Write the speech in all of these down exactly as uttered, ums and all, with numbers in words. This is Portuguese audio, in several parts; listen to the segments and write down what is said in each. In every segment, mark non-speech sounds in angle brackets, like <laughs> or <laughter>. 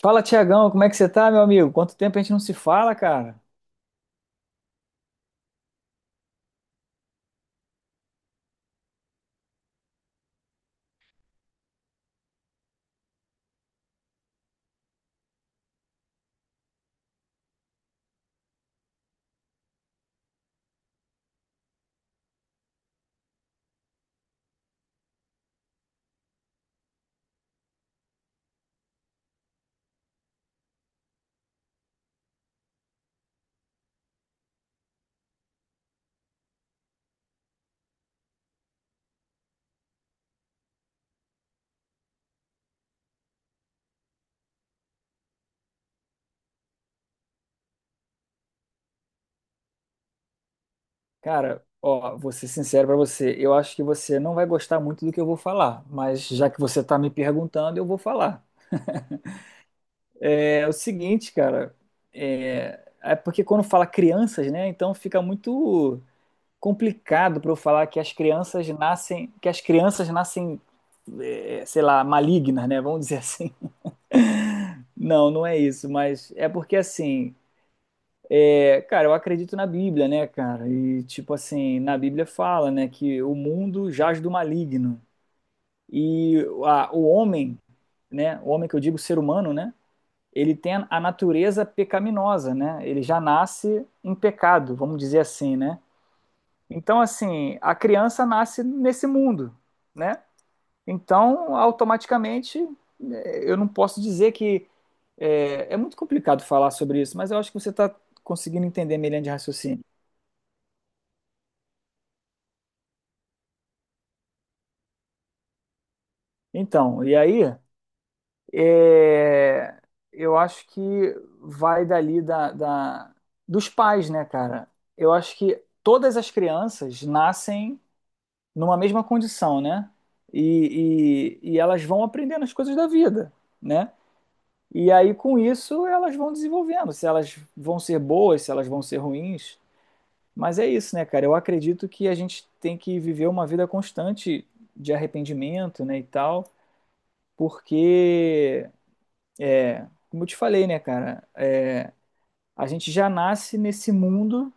Fala, Tiagão, como é que você tá, meu amigo? Quanto tempo a gente não se fala, cara? Cara, ó, vou ser sincero pra você, eu acho que você não vai gostar muito do que eu vou falar, mas já que você tá me perguntando, eu vou falar. É o seguinte, cara, é, é porque quando fala crianças, né, então fica muito complicado pra eu falar que as crianças nascem, que as crianças nascem, é, sei lá, malignas, né, vamos dizer assim. <laughs> Não, não é isso, mas é porque assim, É, cara, eu acredito na Bíblia, né, cara? E tipo assim, na Bíblia fala, né, que o mundo jaz do maligno. E a- o homem, né, o homem, que eu digo ser humano, né, ele tem a natureza pecaminosa, né? Ele já nasce em pecado, vamos dizer assim, né? Então, assim, a criança nasce nesse mundo, né? Então, automaticamente, eh, eu não posso dizer que é, é muito complicado falar sobre isso, mas eu acho que você está conseguindo entender minha linha de raciocínio. Então, e aí? É, eu acho que vai dali da, da- dos pais, né, cara? Eu acho que todas as crianças nascem numa mesma condição, né? E, e, e elas vão aprendendo as coisas da vida, né? E aí, com isso, elas vão desenvolvendo, se elas vão ser boas, se elas vão ser ruins. Mas é isso, né, cara? Eu acredito que a gente tem que viver uma vida constante de arrependimento, né, e tal, porque, É, como eu te falei, né, cara, É, a gente já nasce nesse mundo,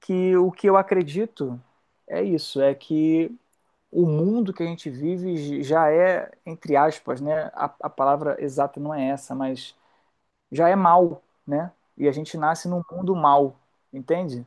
que o que eu acredito é isso, é que o mundo que a gente vive já é, entre aspas, né, A, a palavra exata não é essa, mas já é mal, né? E a gente nasce num mundo mal, entende?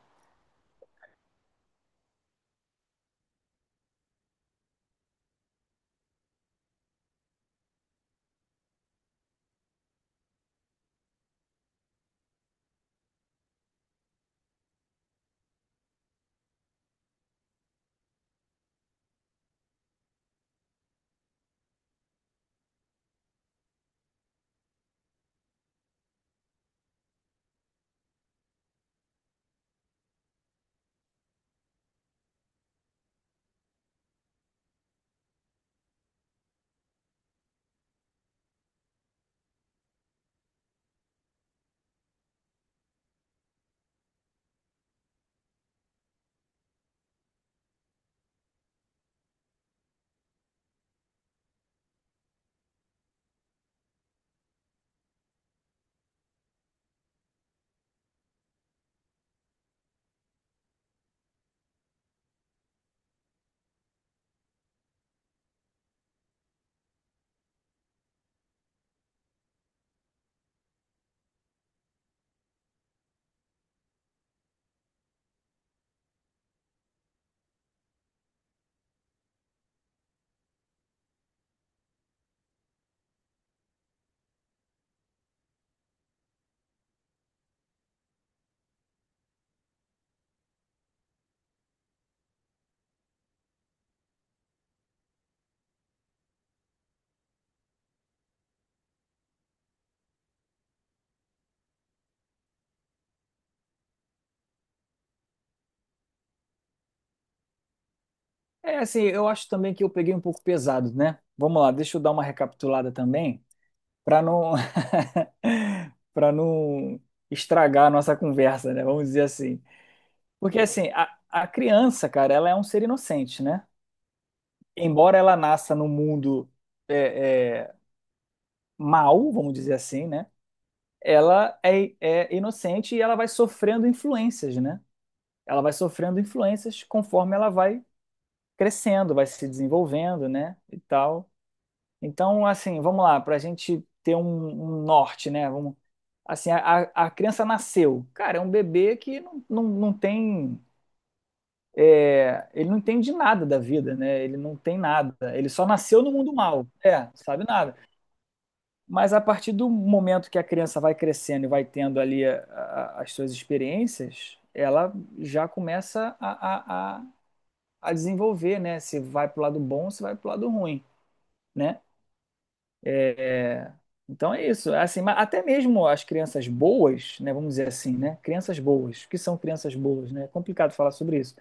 É assim, eu acho também que eu peguei um pouco pesado, né? Vamos lá, deixa eu dar uma recapitulada também, para não <laughs> para não estragar a nossa conversa, né? Vamos dizer assim. Porque assim, a, a criança, cara, ela é um ser inocente, né? Embora ela nasça no mundo é, é, mau, vamos dizer assim, né? Ela é, é inocente e ela vai sofrendo influências, né? Ela vai sofrendo influências conforme ela vai crescendo, vai se desenvolvendo, né? E tal. Então, assim, vamos lá, para a gente ter um, um norte, né? Vamos, assim, a, a a criança nasceu. Cara, é um bebê que não, não, não tem. É, ele não entende nada da vida, né? Ele não tem nada. Ele só nasceu no mundo mal, é, sabe nada. Mas a partir do momento que a criança vai crescendo e vai tendo ali a- a- as suas experiências, ela já começa a, a, a, a desenvolver, né? Se vai pro lado bom, se vai pro lado ruim, né? É, Então é isso. É Assim, mas até mesmo as crianças boas, né? Vamos dizer assim, né? Crianças boas. O que são crianças boas, né? É complicado falar sobre isso.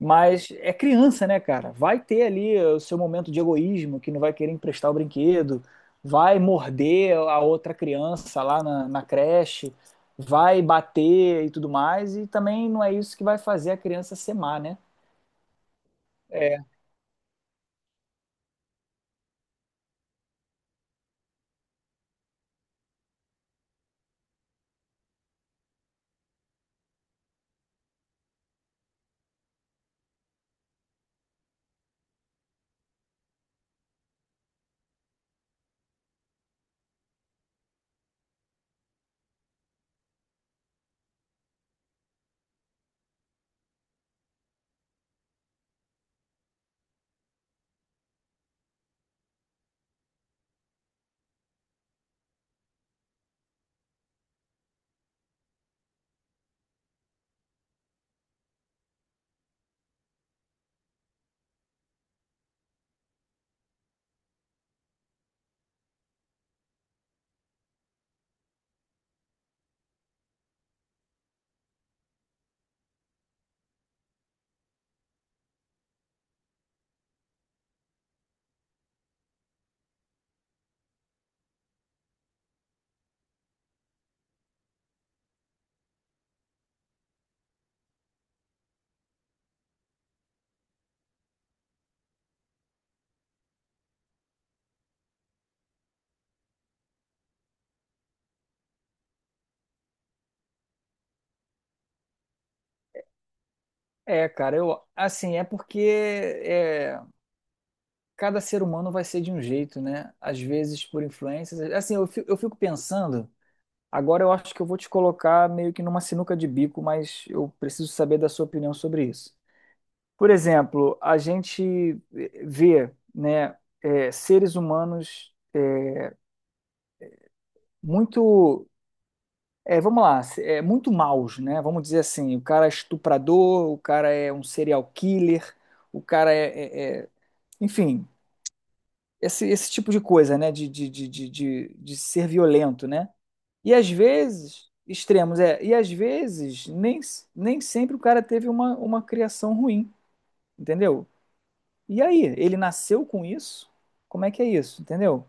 Mas é criança, né, cara? Vai ter ali o seu momento de egoísmo, que não vai querer emprestar o brinquedo, vai morder a outra criança lá na, na creche, vai bater e tudo mais, e também não é isso que vai fazer a criança ser má, né? É, é, cara, eu, assim, é porque é, cada ser humano vai ser de um jeito, né? Às vezes por influências. Assim, eu fico, eu fico pensando, agora eu acho que eu vou te colocar meio que numa sinuca de bico, mas eu preciso saber da sua opinião sobre isso. Por exemplo, a gente eh, vê, né, é, seres humanos, é, muito, é, vamos lá, é, muito maus, né? Vamos dizer assim, o cara é estuprador, o cara é um serial killer, o cara é, é- é- enfim, esse, esse tipo de coisa, né? De, de, de, de, de, de ser violento, né? E às vezes extremos, é, e às vezes nem, nem sempre o cara teve uma, uma criação ruim, entendeu? E aí, ele nasceu com isso? Como é que é isso, entendeu?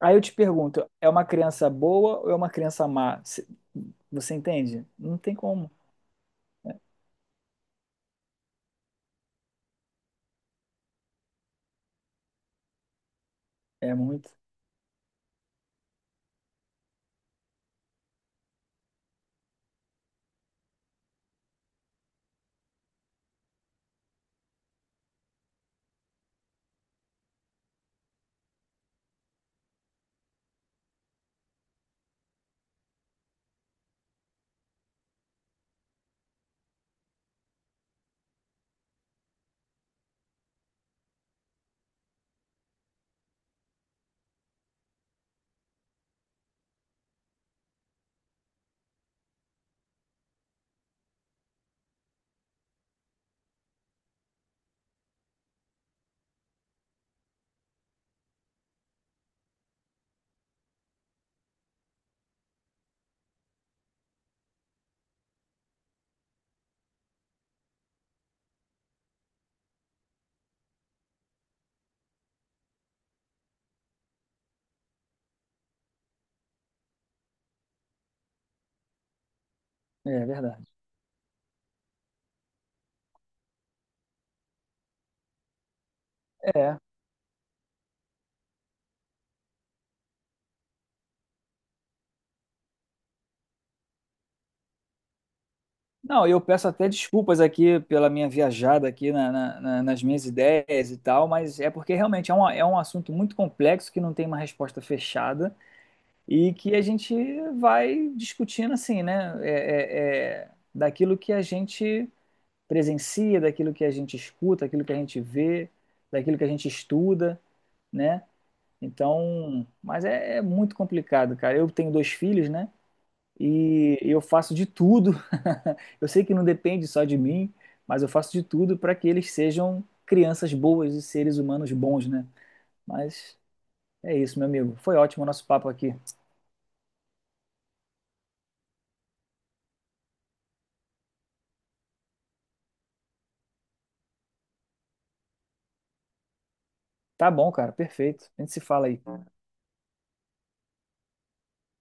Aí eu te pergunto, é uma criança boa ou é uma criança má? Cê- Você entende? Não tem como. É muito. É verdade. É. Não, eu peço até desculpas aqui pela minha viajada aqui na- na- na- nas minhas ideias e tal, mas é porque realmente é um, é um assunto muito complexo que não tem uma resposta fechada e que a gente vai discutindo assim, né? É, é- é daquilo que a gente presencia, daquilo que a gente escuta, daquilo que a gente vê, daquilo que a gente estuda, né? Então, mas é, é muito complicado, cara. Eu tenho dois filhos, né? E eu faço de tudo. <laughs> Eu sei que não depende só de mim, mas eu faço de tudo para que eles sejam crianças boas e seres humanos bons, né? Mas é isso, meu amigo. Foi ótimo o nosso papo aqui. Tá bom, cara. Perfeito. A gente se fala aí.